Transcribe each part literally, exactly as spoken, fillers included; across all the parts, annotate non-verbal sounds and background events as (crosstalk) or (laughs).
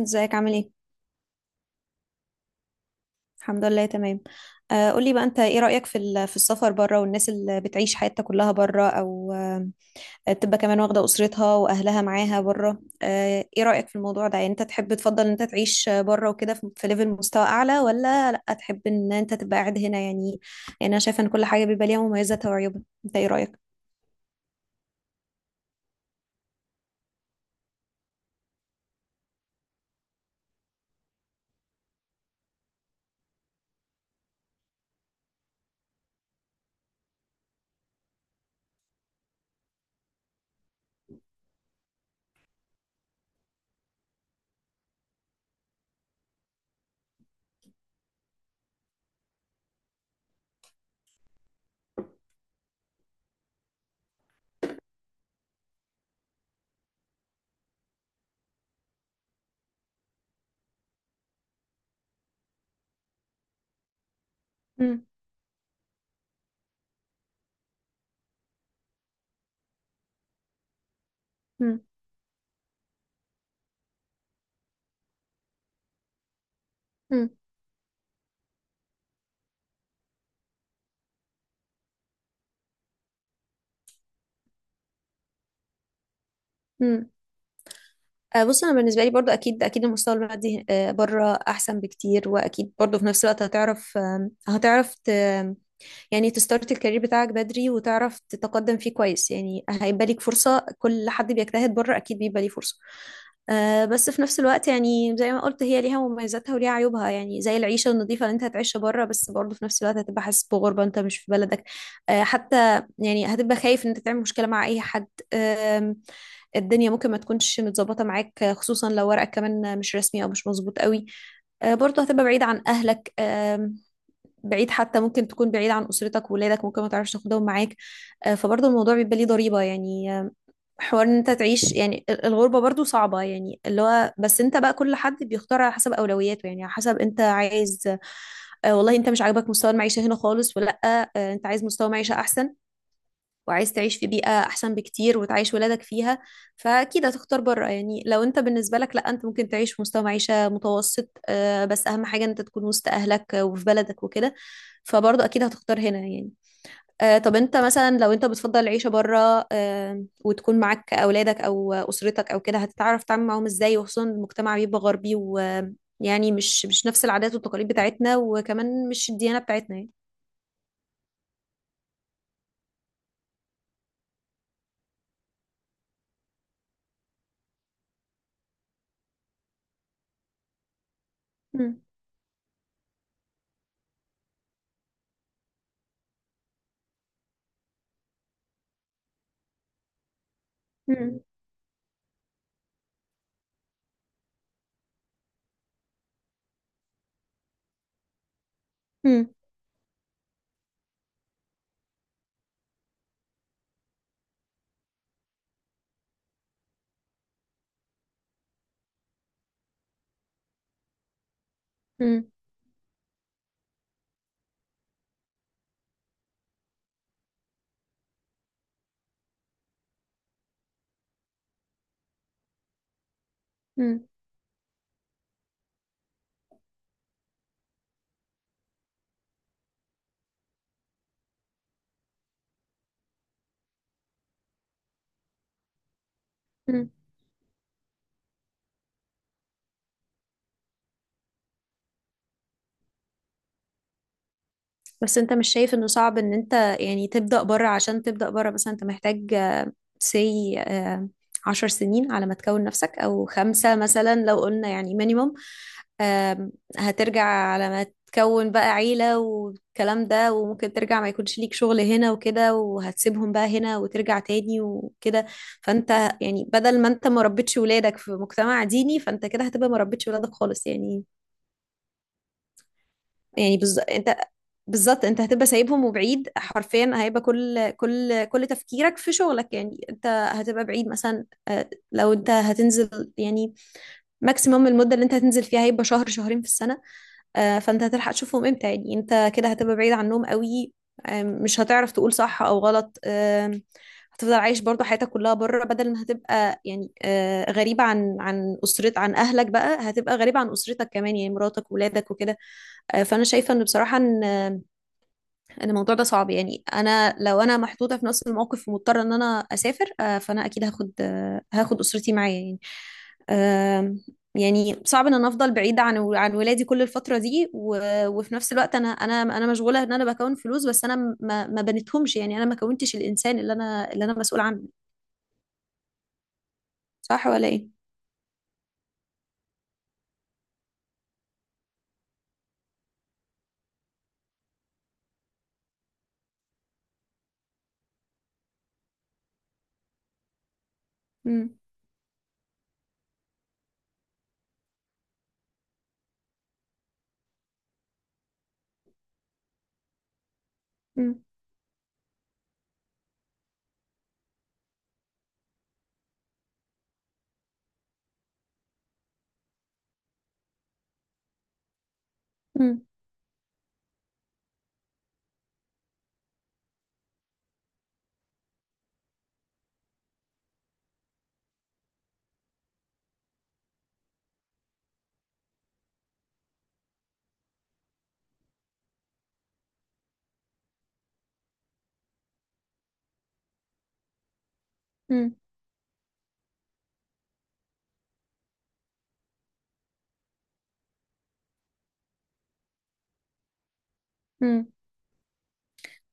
ازيك عامل ايه؟ الحمد لله تمام. آه، قولي بقى، انت ايه رأيك في ال- في السفر بره والناس اللي بتعيش حياتها كلها بره، او آه تبقى كمان واخدة أسرتها واهلها معاها بره؟ آه ايه رأيك في الموضوع ده؟ يعني انت تحب تفضل ان انت تعيش بره وكده في في ليفل، مستوى اعلى، ولا لا تحب ان انت تبقى قاعد هنا يعني؟ يعني انا شايفة ان كل حاجة بيبقى ليها مميزاتها وعيوبها. انت ايه رأيك؟ مم. مم. مم. مم. آه، بص، انا بالنسبه لي برضو اكيد اكيد المستوى المادي، آه، بره احسن بكتير، واكيد برضو في نفس الوقت هتعرف آم، هتعرف يعني تستارت الكارير بتاعك بدري وتعرف تتقدم فيه كويس. يعني هيبقى ليك فرصة، كل حد بيجتهد بره أكيد بيبقى ليه فرصة. آه بس في نفس الوقت يعني زي ما قلت، هي ليها مميزاتها وليها عيوبها. يعني زي العيشة النظيفة اللي انت هتعيشها بره، بس برضه في نفس الوقت هتبقى حاسس بغربة، انت مش في بلدك. آه حتى يعني هتبقى خايف ان انت تعمل مشكلة مع اي حد. آم، الدنيا ممكن ما تكونش متظبطة معاك، آه، خصوصا لو ورقك كمان مش رسمي او مش مظبوط قوي. آه، برضه هتبقى بعيد عن أهلك. آم، بعيد، حتى ممكن تكون بعيد عن أسرتك وولادك، ممكن ما تعرفش تاخدهم معاك. آه، فبرضه الموضوع بيبقى ليه ضريبة يعني. آه، حوار ان انت تعيش يعني ال- الغربة برضه صعبة. يعني اللي هو بس انت بقى، كل حد بيختار على حسب أولوياته، يعني على حسب انت عايز. آه، والله انت مش عاجبك مستوى المعيشة هنا خالص، ولا آه، انت عايز مستوى معيشة أحسن وعايز تعيش في بيئة أحسن بكتير وتعيش ولادك فيها، فأكيد هتختار بره يعني. لو أنت بالنسبة لك لأ، أنت ممكن تعيش في مستوى معيشة متوسط، آه، بس أهم حاجة إن أنت تكون وسط أهلك، آه، وفي بلدك وكده، فبرضه أكيد هتختار هنا يعني. آه، طب أنت مثلا لو أنت بتفضل العيشة بره، آه، وتكون معاك أولادك أو أسرتك أو كده، هتتعرف تتعامل معاهم إزاي؟ وخصوصا المجتمع بيبقى غربي، ويعني مش مش نفس العادات والتقاليد بتاعتنا، وكمان مش الديانة بتاعتنا يعني. مم. مم. مم. مم. مم. بس انت مش شايف انه صعب ان انت يعني تبدأ بره؟ عشان تبدأ بره مثلا انت محتاج سي عشر سنين على ما تكون نفسك، او خمسة مثلا لو قلنا يعني مينيموم. هترجع على ما تكون بقى عيلة والكلام ده، وممكن ترجع ما يكونش ليك شغل هنا وكده، وهتسيبهم بقى هنا وترجع تاني وكده. فانت يعني بدل ما انت ما ربيتش ولادك في مجتمع ديني، فانت كده هتبقى ما ربيتش ولادك خالص يعني. يعني بز... انت بالظبط انت هتبقى سايبهم وبعيد حرفيا. هيبقى كل كل كل تفكيرك في شغلك، يعني انت هتبقى بعيد. مثلا آه، لو انت هتنزل يعني، ماكسيموم المدة اللي انت هتنزل فيها هيبقى شهر شهرين في السنة، آه، فانت هتلحق تشوفهم امتى؟ يعني انت كده هتبقى بعيد عنهم قوي. آه، مش هتعرف تقول صح او غلط. آه، هتفضل عايش برضو حياتك كلها بره، بدل ما هتبقى يعني آه، غريبة عن عن أسرت عن أهلك، بقى هتبقى غريبة عن أسرتك كمان يعني، مراتك وولادك وكده. آه، فأنا شايفة إن بصراحة، إن ان الموضوع ده صعب يعني. انا لو انا محطوطه في نفس الموقف ومضطره ان انا اسافر، آه، فانا اكيد هاخد آه، هاخد اسرتي معايا يعني. آم، يعني صعب ان انا افضل بعيده عن عن ولادي كل الفتره دي، و- وفي نفس الوقت انا انا انا مشغوله ان انا بكون فلوس، بس انا ما ما بنتهمش يعني. انا ما كونتش الانسان اللي انا اللي انا مسؤول عنه. صح ولا ايه؟ امم. امم. امم.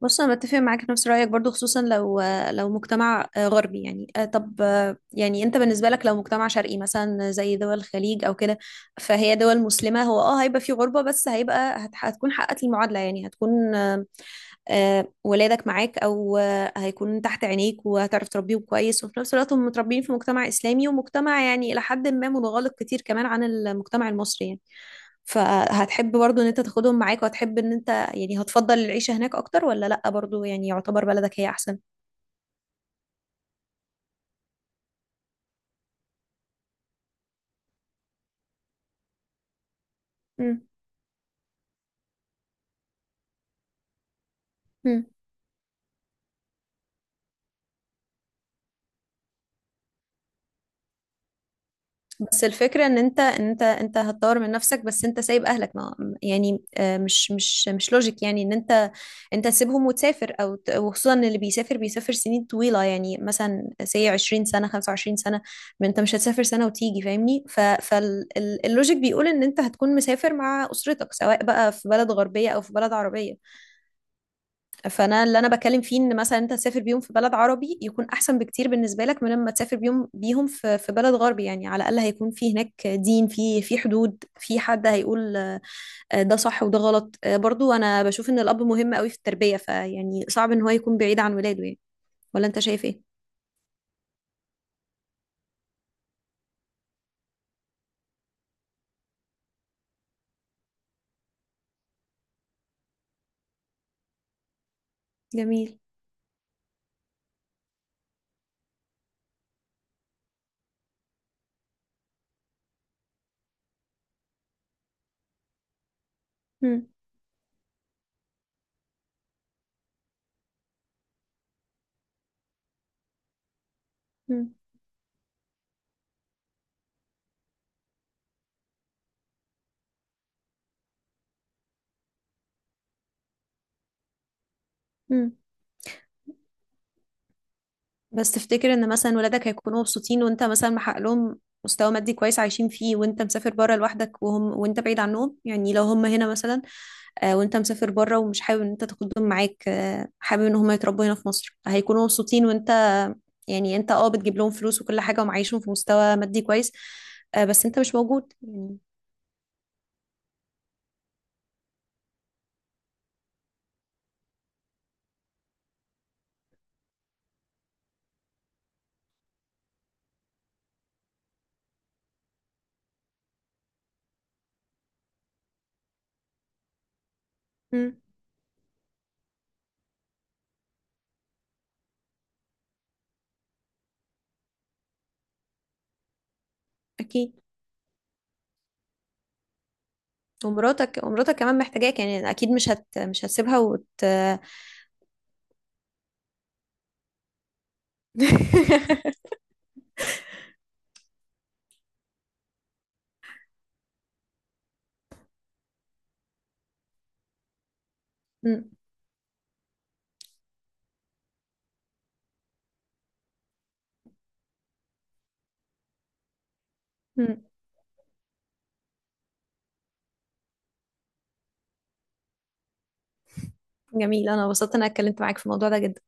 بص، انا بتفق معاك في نفس رايك برضو، خصوصا لو لو مجتمع غربي يعني. آه، طب آه، يعني انت بالنسبه لك لو مجتمع شرقي، مثلا زي دول الخليج او كده، فهي دول مسلمه. هو اه هيبقى في غربه، بس هيبقى هت- هتكون حققت المعادله يعني. هتكون آه، آه، ولادك معاك، او آه، هيكون تحت عينيك، وهتعرف تربيهم كويس، وفي نفس الوقت هم متربيين في مجتمع اسلامي، ومجتمع يعني الى حد ما منغلق كتير كمان عن المجتمع المصري يعني. فهتحب برضو ان انت تاخدهم معاك، وهتحب ان انت يعني هتفضل العيشة هناك أكتر، ولا لأ، برضو يعني يعتبر بلدك هي أحسن؟ مم. مم. بس الفكرة ان انت ان انت انت هتطور من نفسك، بس انت سايب اهلك، ما يعني آه، مش مش مش لوجيك يعني ان انت انت تسيبهم وتسافر، او ت- وخصوصا إن اللي بيسافر بيسافر سنين طويلة يعني، مثلا سي عشرين سنة، خمسة وعشرين سنة. ما انت مش هتسافر سنة وتيجي، فاهمني؟ فاللوجيك بيقول ان انت هتكون مسافر مع اسرتك، سواء بقى في بلد غربية او في بلد عربية. فانا اللي انا بتكلم فيه ان مثلا انت تسافر بيهم في بلد عربي يكون احسن بكتير بالنسبه لك من لما تسافر بيهم بيهم في في بلد غربي يعني. على الاقل هيكون في هناك دين، في في حدود، في حد هيقول آه، ده صح وده غلط. آه، برضو انا بشوف ان الاب مهم قوي في التربيه، فيعني صعب ان هو يكون بعيد عن ولاده يعني. ولا انت شايف ايه؟ جميل. مم. مم. مم. بس تفتكر ان مثلا ولادك هيكونوا مبسوطين، وانت مثلا محقق لهم مستوى مادي كويس عايشين فيه، وانت مسافر بره لوحدك، وهم وانت بعيد عنهم؟ يعني لو هم هنا مثلا، آه، وانت مسافر بره ومش حابب ان انت تاخدهم معاك، آه، حابب ان هم يتربوا هنا في مصر، هيكونوا مبسوطين وانت يعني انت اه بتجيب لهم فلوس وكل حاجة ومعيشهم في مستوى مادي كويس، آه، بس انت مش موجود يعني. مم. اكيد. ومراتك ومراتك كمان محتاجاك يعني اكيد، مش هت مش هتسيبها وت... (laughs) مم. مم. جميل، انا انبسطت إن انا اتكلمت معاك في الموضوع ده جدا.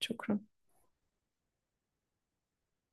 شكرا.